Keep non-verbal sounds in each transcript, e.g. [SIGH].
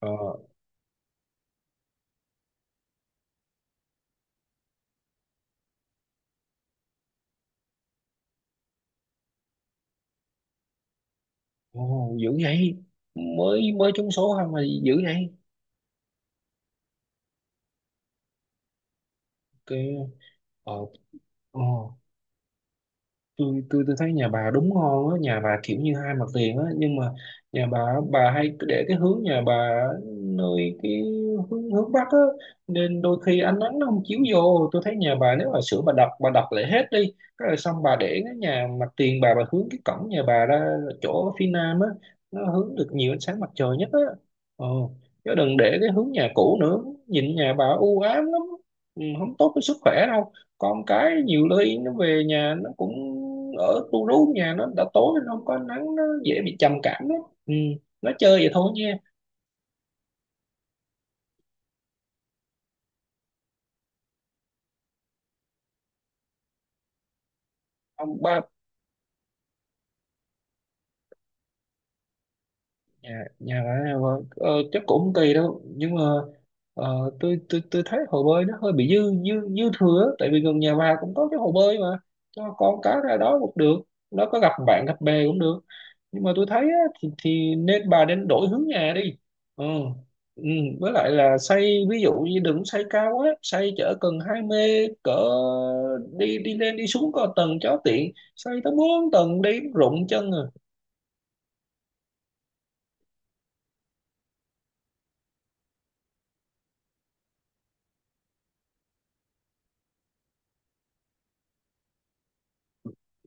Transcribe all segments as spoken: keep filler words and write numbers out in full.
ờ Ồ, dữ vậy. Mới mới trúng số không mà dữ vậy. Cái, ờ ồ, tôi tôi tôi thấy nhà bà đúng ngon á, nhà bà kiểu như hai mặt tiền á, nhưng mà nhà bà bà hay cứ để cái hướng nhà bà, nơi cái hướng hướng bắc á, nên đôi khi ánh nắng nó không chiếu vô. Tôi thấy nhà bà nếu mà sửa, bà đập bà đập lại hết đi cái là xong, bà để cái nhà mặt tiền, bà bà hướng cái cổng nhà bà ra chỗ phía nam á, nó hướng được nhiều ánh sáng mặt trời nhất á. ờ Chứ đừng để cái hướng nhà cũ nữa, nhìn nhà bà u ám lắm. Ừ, không tốt với sức khỏe đâu. Còn cái nhiều lưới nó về nhà nó cũng ở tu rú nhà, nó đã tối nó không có nắng, nó dễ bị trầm cảm đó. Ừ. Nó chơi vậy thôi nha. Ông ba, nhà nhà ở. Vâng. ờ, Chắc cũng không kỳ đâu, nhưng mà ờ, tôi tôi tôi thấy hồ bơi nó hơi bị dư dư dư thừa á. Tại vì gần nhà bà cũng có cái hồ bơi mà. Cho con cá ra đó cũng được, nó có gặp bạn gặp bè cũng được, nhưng mà tôi thấy á, thì thì nên bà nên đổi hướng nhà đi. Ừ. Ừ. Với lại là xây ví dụ như đừng xây cao quá, xây chở cần hai mươi cỡ đi, đi lên đi xuống có tầng cho tiện, xây tới bốn tầng đi rụng chân à.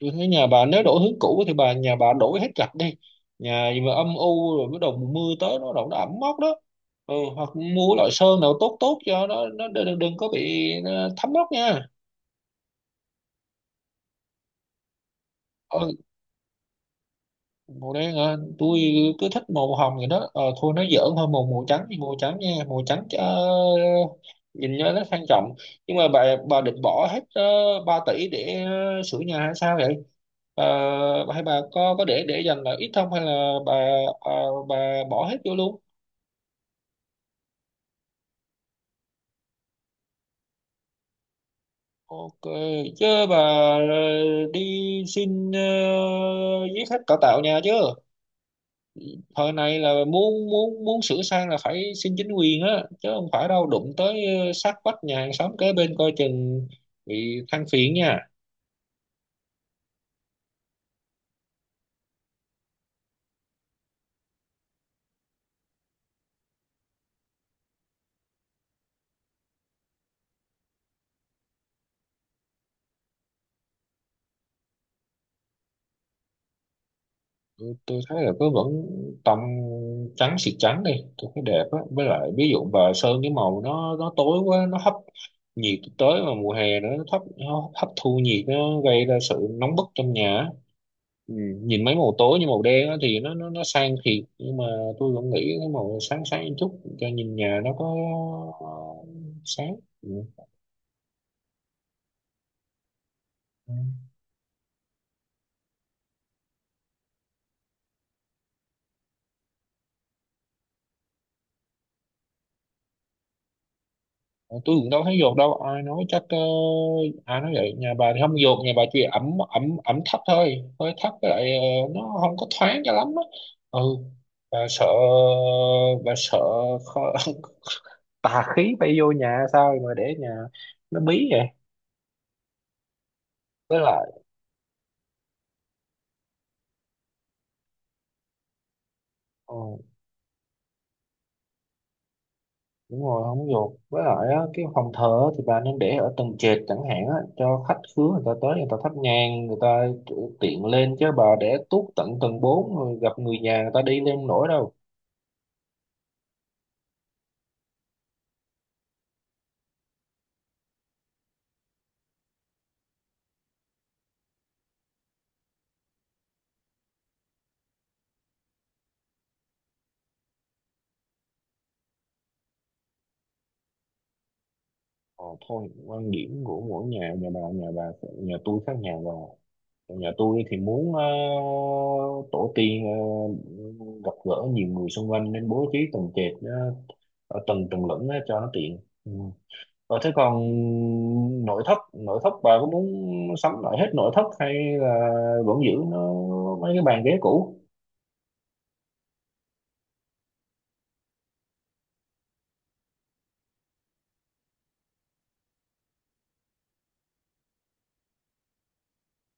Tôi thấy nhà bà nếu đổi hướng cũ thì bà, nhà bà đổi hết gạch đi. Nhà gì mà âm u, rồi bắt đầu mùa mưa tới nó đổ, nó ẩm mốc đó. Ừ, hoặc mua loại sơn nào tốt tốt cho nó nó đừng, đừng có bị ờ, thấm mốc nha. Ừ, màu đen à, tôi cứ thích màu hồng vậy đó. ờ, Thôi nó giỡn thôi, màu màu trắng thì màu trắng nha, màu trắng, ờ, nhìn cho nó sang trọng. Nhưng mà bà bà định bỏ hết uh, ba tỷ để ờ, sửa nhà hay sao vậy bà? Bà hay bà có có để để dành là ít không, hay là bà, à, bà bỏ hết vô luôn? Ok. Chứ bà ờ, đi xin ờ, giấy phép cải tạo nhà chứ. Thời này là muốn muốn muốn sửa sang là phải xin chính quyền á, chứ không phải đâu, đụng tới ờ, sát vách nhà hàng xóm kế bên coi chừng bị than phiền nha. Tôi, tôi thấy là cứ vẫn tông trắng xịt, trắng đi. Tôi thấy đẹp á, với lại ví dụ bà sơn cái màu nó nó tối quá, nó hấp nhiệt tới, mà mùa hè nữa, nó thấp, nó hấp thu nhiệt nó gây ra sự nóng bức trong nhà á. Ừ. Nhìn mấy màu tối như màu đen á thì nó nó nó sang thiệt, nhưng mà tôi vẫn nghĩ cái màu sáng sáng chút cho nhìn nhà nó có ờ, sáng. Ừ. Ờ, tôi cũng đâu thấy dột đâu, ai nói chắc ờ, ai nói vậy. Nhà bà thì không dột, nhà bà chỉ ẩm ẩm ẩm thấp thôi, hơi thấp, với lại ờ, nó không có thoáng cho lắm á. Ừ. bà sợ bà sợ khó, [LAUGHS] tà khí bay vô nhà sao mà để nhà nó bí vậy. Với lại ừ, đúng rồi, không dột. Với lại á, cái phòng thờ á thì bà nên để ở tầng trệt chẳng hạn á, cho khách khứa người ta tới người ta thắp nhang, người ta tiện lên, chứ bà để tuốt tận tầng bốn rồi gặp người nhà người ta đi lên nổi đâu. Ờ, Thôi, quan điểm của mỗi nhà nhà bà, nhà bà, nhà tôi khác nhà bà. Nhà tôi thì muốn ờ, tổ tiên ờ, gặp gỡ nhiều người xung quanh nên bố trí tầng trệt, ờ, ở tầng tầng lửng á, cho nó tiện. Ừ. Ờ, thế còn nội thất nội thất bà có muốn sắm lại hết nội thất hay là vẫn giữ nó, mấy cái bàn ghế cũ?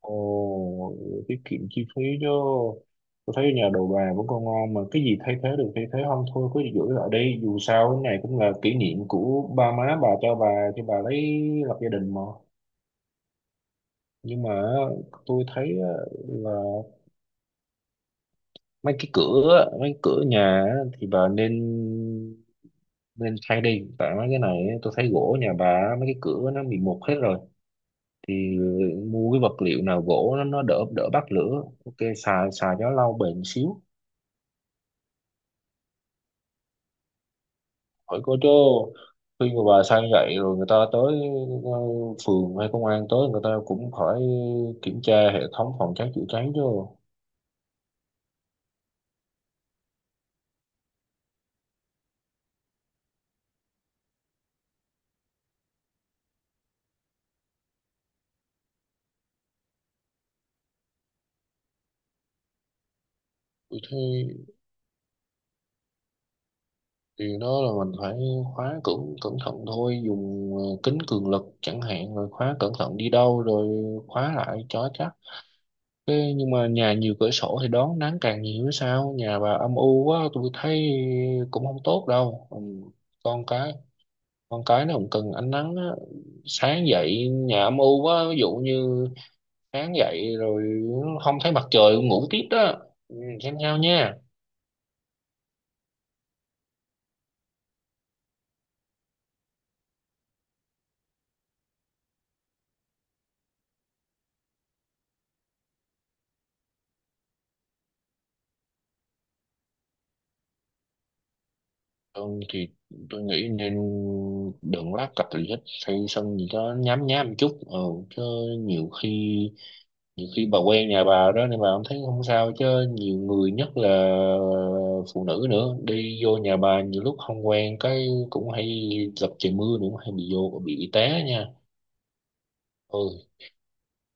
Ồ, tiết kiệm chi phí chứ. Tôi thấy nhà đồ bà vẫn còn ngon mà, cái gì thay thế được thay thế, không thôi cứ giữ lại đi. Dù sao cái này cũng là kỷ niệm của ba má bà, cho bà cho bà lấy lập gia đình mà. Nhưng mà tôi thấy á, là mấy cái cửa á, mấy cửa nhà á, thì bà nên nên thay đi, tại mấy cái này á, tôi thấy gỗ nhà bà á, mấy cái cửa nó bị mục hết rồi, thì mua cái vật liệu nào gỗ nó, nó đỡ đỡ bắt lửa, ok, xài xài cho nó lâu bền xíu. Hỏi có chứ, khi mà bà sang vậy rồi người ta tới, ờ, phường hay công an tới người ta cũng phải kiểm tra hệ thống phòng cháy chữa cháy chứ. Vì thế điều đó là mình phải khóa cẩn cẩn thận thôi, dùng ờ, kính cường lực chẳng hạn, rồi khóa cẩn thận đi đâu rồi khóa lại cho chắc. Thế nhưng mà nhà nhiều cửa sổ thì đón nắng càng nhiều chứ sao, nhà bà âm u quá tôi thấy cũng không tốt đâu. Ừ, con cái con cái nó cũng cần ánh nắng á. Sáng dậy nhà âm u quá, ví dụ như sáng dậy rồi không thấy mặt trời ngủ tiếp đó. Ừ, xem nhau nha. Thường thì tôi nghĩ nên đừng lát cặp gì hết, xây sân gì đó nhám nhám một chút, ừ, chứ nhiều khi nhiều khi bà quen nhà bà đó nên bà không thấy không sao, chứ nhiều người nhất là phụ nữ nữa đi vô nhà bà nhiều lúc không quen, cái cũng hay gặp trời mưa nữa hay bị vô bị té nha. Ừ.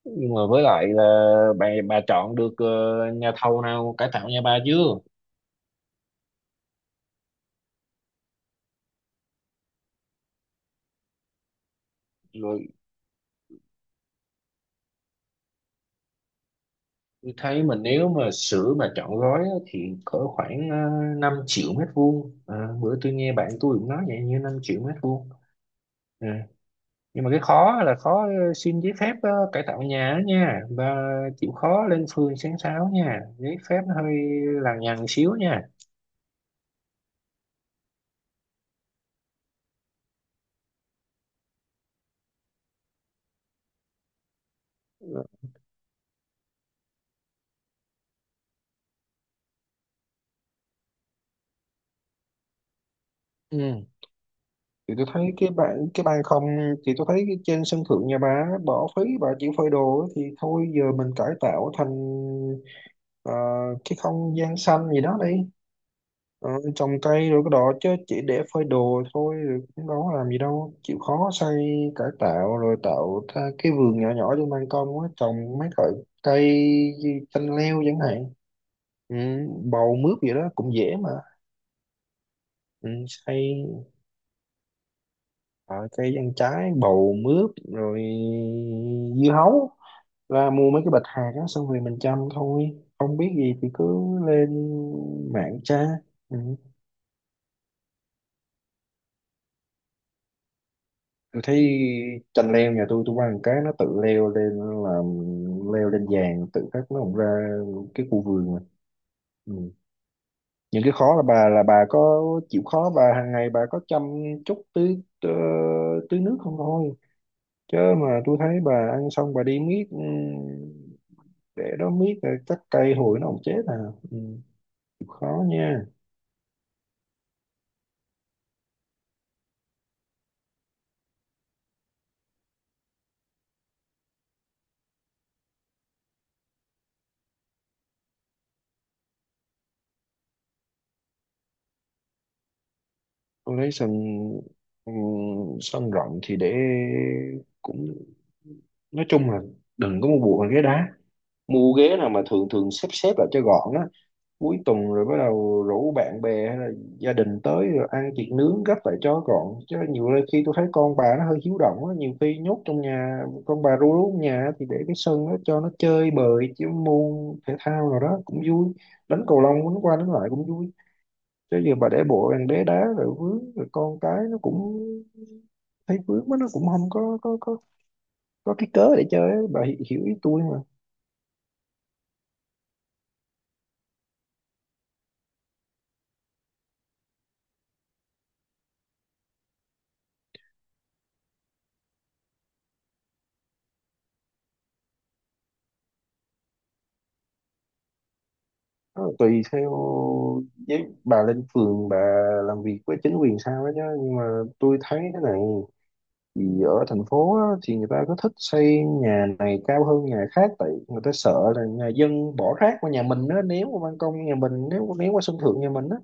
Nhưng mà với lại là bà bà chọn được ờ, nhà thầu nào cải tạo nhà bà chưa? Rồi tôi thấy mình nếu mà sửa mà chọn gói á, thì cỡ khoảng uh, năm triệu mét vuông. Ờ, Bữa tôi nghe bạn tôi cũng nói vậy, như năm triệu mét vuông. Ờ, nhưng mà cái khó là khó ờ, xin giấy phép ờ, cải tạo nhà á nha, và chịu khó lên phường sáng sáo nha, giấy phép nó hơi lằng nhằng xíu nha. Ừ, thì tôi thấy cái bạn, cái ban không, thì tôi thấy cái trên sân thượng nhà bà á, bỏ phí, bà chỉ phơi đồ á, thì thôi giờ mình cải tạo thành ờ, cái không gian xanh gì đó đi. Ờ, Trồng cây rồi cái đó, chứ chỉ để phơi đồ thôi rồi cũng đâu có làm gì đâu, chịu khó xây cải tạo rồi tạo ra cái vườn nhỏ nhỏ trên ban công á, trồng mấy loại cây, chanh leo chẳng hạn. Ừ, bầu mướp gì đó cũng dễ mà. Ừ, xây Ờ, cây ăn trái, bầu mướp, rồi dưa hấu, ra mua mấy cái bịch hạt đó xong rồi mình chăm thôi, không biết gì thì cứ lên mạng tra. Ừ. Tôi thấy chanh leo nhà tôi tôi ăn cái nó tự leo lên, làm leo lên vàng tự khắc nó cũng ra cái khu vườn mà. Ừ. Những cái khó là bà, là bà có chịu khó, bà hàng ngày bà có chăm chút, tưới tưới tưới nước không thôi, chứ mà tôi thấy bà ăn xong bà đi miết, ừ, để đó miết rồi cắt cây hồi nó không chết à. Ừ. Khó nha. Tôi lấy sân, ừ, sân rộng thì để cũng, nói chung là đừng có mua bùa bằng ghế đá, mua ghế nào mà thường thường xếp xếp lại cho gọn á, cuối tuần rồi bắt đầu rủ bạn bè hay là gia đình tới rồi ăn thịt nướng, gấp lại cho gọn, chứ nhiều nơi khi tôi thấy con bà nó hơi hiếu động á, nhiều khi nhốt trong nhà con bà ru rú trong nhà á, thì để cái sân đó cho nó chơi bời chứ, môn thể thao nào đó cũng vui, đánh cầu lông đánh qua đánh lại cũng vui. Chứ giờ bà để bộ bàn đế đá rồi vướng, rồi con cái nó cũng thấy vướng quá, nó cũng không có có có có cái cớ để chơi á. Bà hi- hiểu ý tôi. Ờ, Tùy theo, với bà lên phường bà làm việc với chính quyền sao đó chứ. Nhưng mà tôi thấy thế này, vì ở thành phố á, thì người ta có thích xây nhà này cao hơn nhà khác, tại người ta sợ là nhà dân bỏ rác qua nhà mình á, ném qua ban công nhà mình, nếu ném qua sân thượng nhà mình á,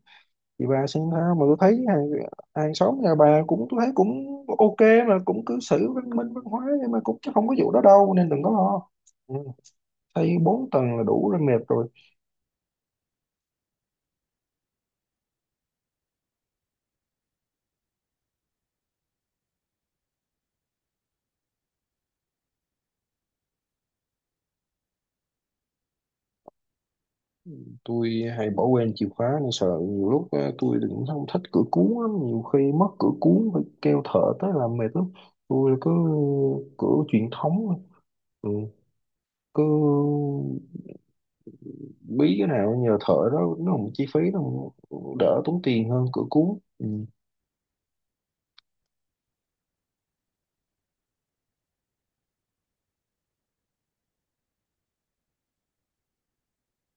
thì bà xem sao. Mà tôi thấy hàng, hàng xóm nhà bà cũng, tôi thấy cũng ok, mà cũng cư xử văn minh văn hóa, nhưng mà cũng, chứ không có vụ đó đâu nên đừng có lo. Ừ. Xây bốn tầng là đủ rồi, mệt rồi. Tôi hay bỏ quên chìa khóa nên sợ, nhiều lúc á, tôi thì cũng không thích cửa cuốn lắm, nhiều khi mất cửa cuốn phải kêu thợ tới làm mệt lắm. Tôi cứ cửa truyền thống thôi. Ừ. Cứ bí cái nào nhờ thợ đó, nó không chi phí nó cũng đỡ tốn tiền hơn cửa cuốn. Ừ.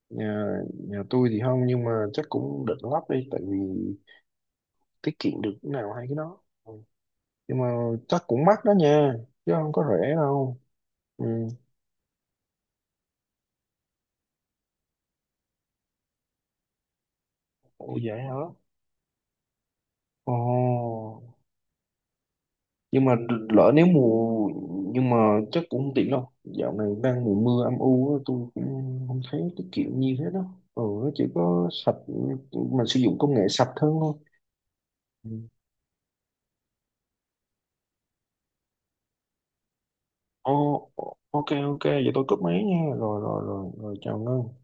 nhà nhà tôi thì không, nhưng mà chắc cũng định lắp đi, tại vì tiết kiệm được cái nào hay cái đó. Ừ. Nhưng mà chắc cũng mắc đó nha, chứ không có rẻ đâu. Ừ. Ủa vậy hả? Ồ, nhưng mà lỡ nếu mùa, nhưng mà chắc cũng không tiện đâu, dạo này đang mùa mưa âm u á, tôi cũng không thấy cái kiểu như thế đó. Ừ, nó chỉ có sạch, mình sử dụng công nghệ sạch hơn thôi. Ừ. Ồ, ok ok vậy tôi cúp máy nha, rồi rồi rồi rồi chào Ngân.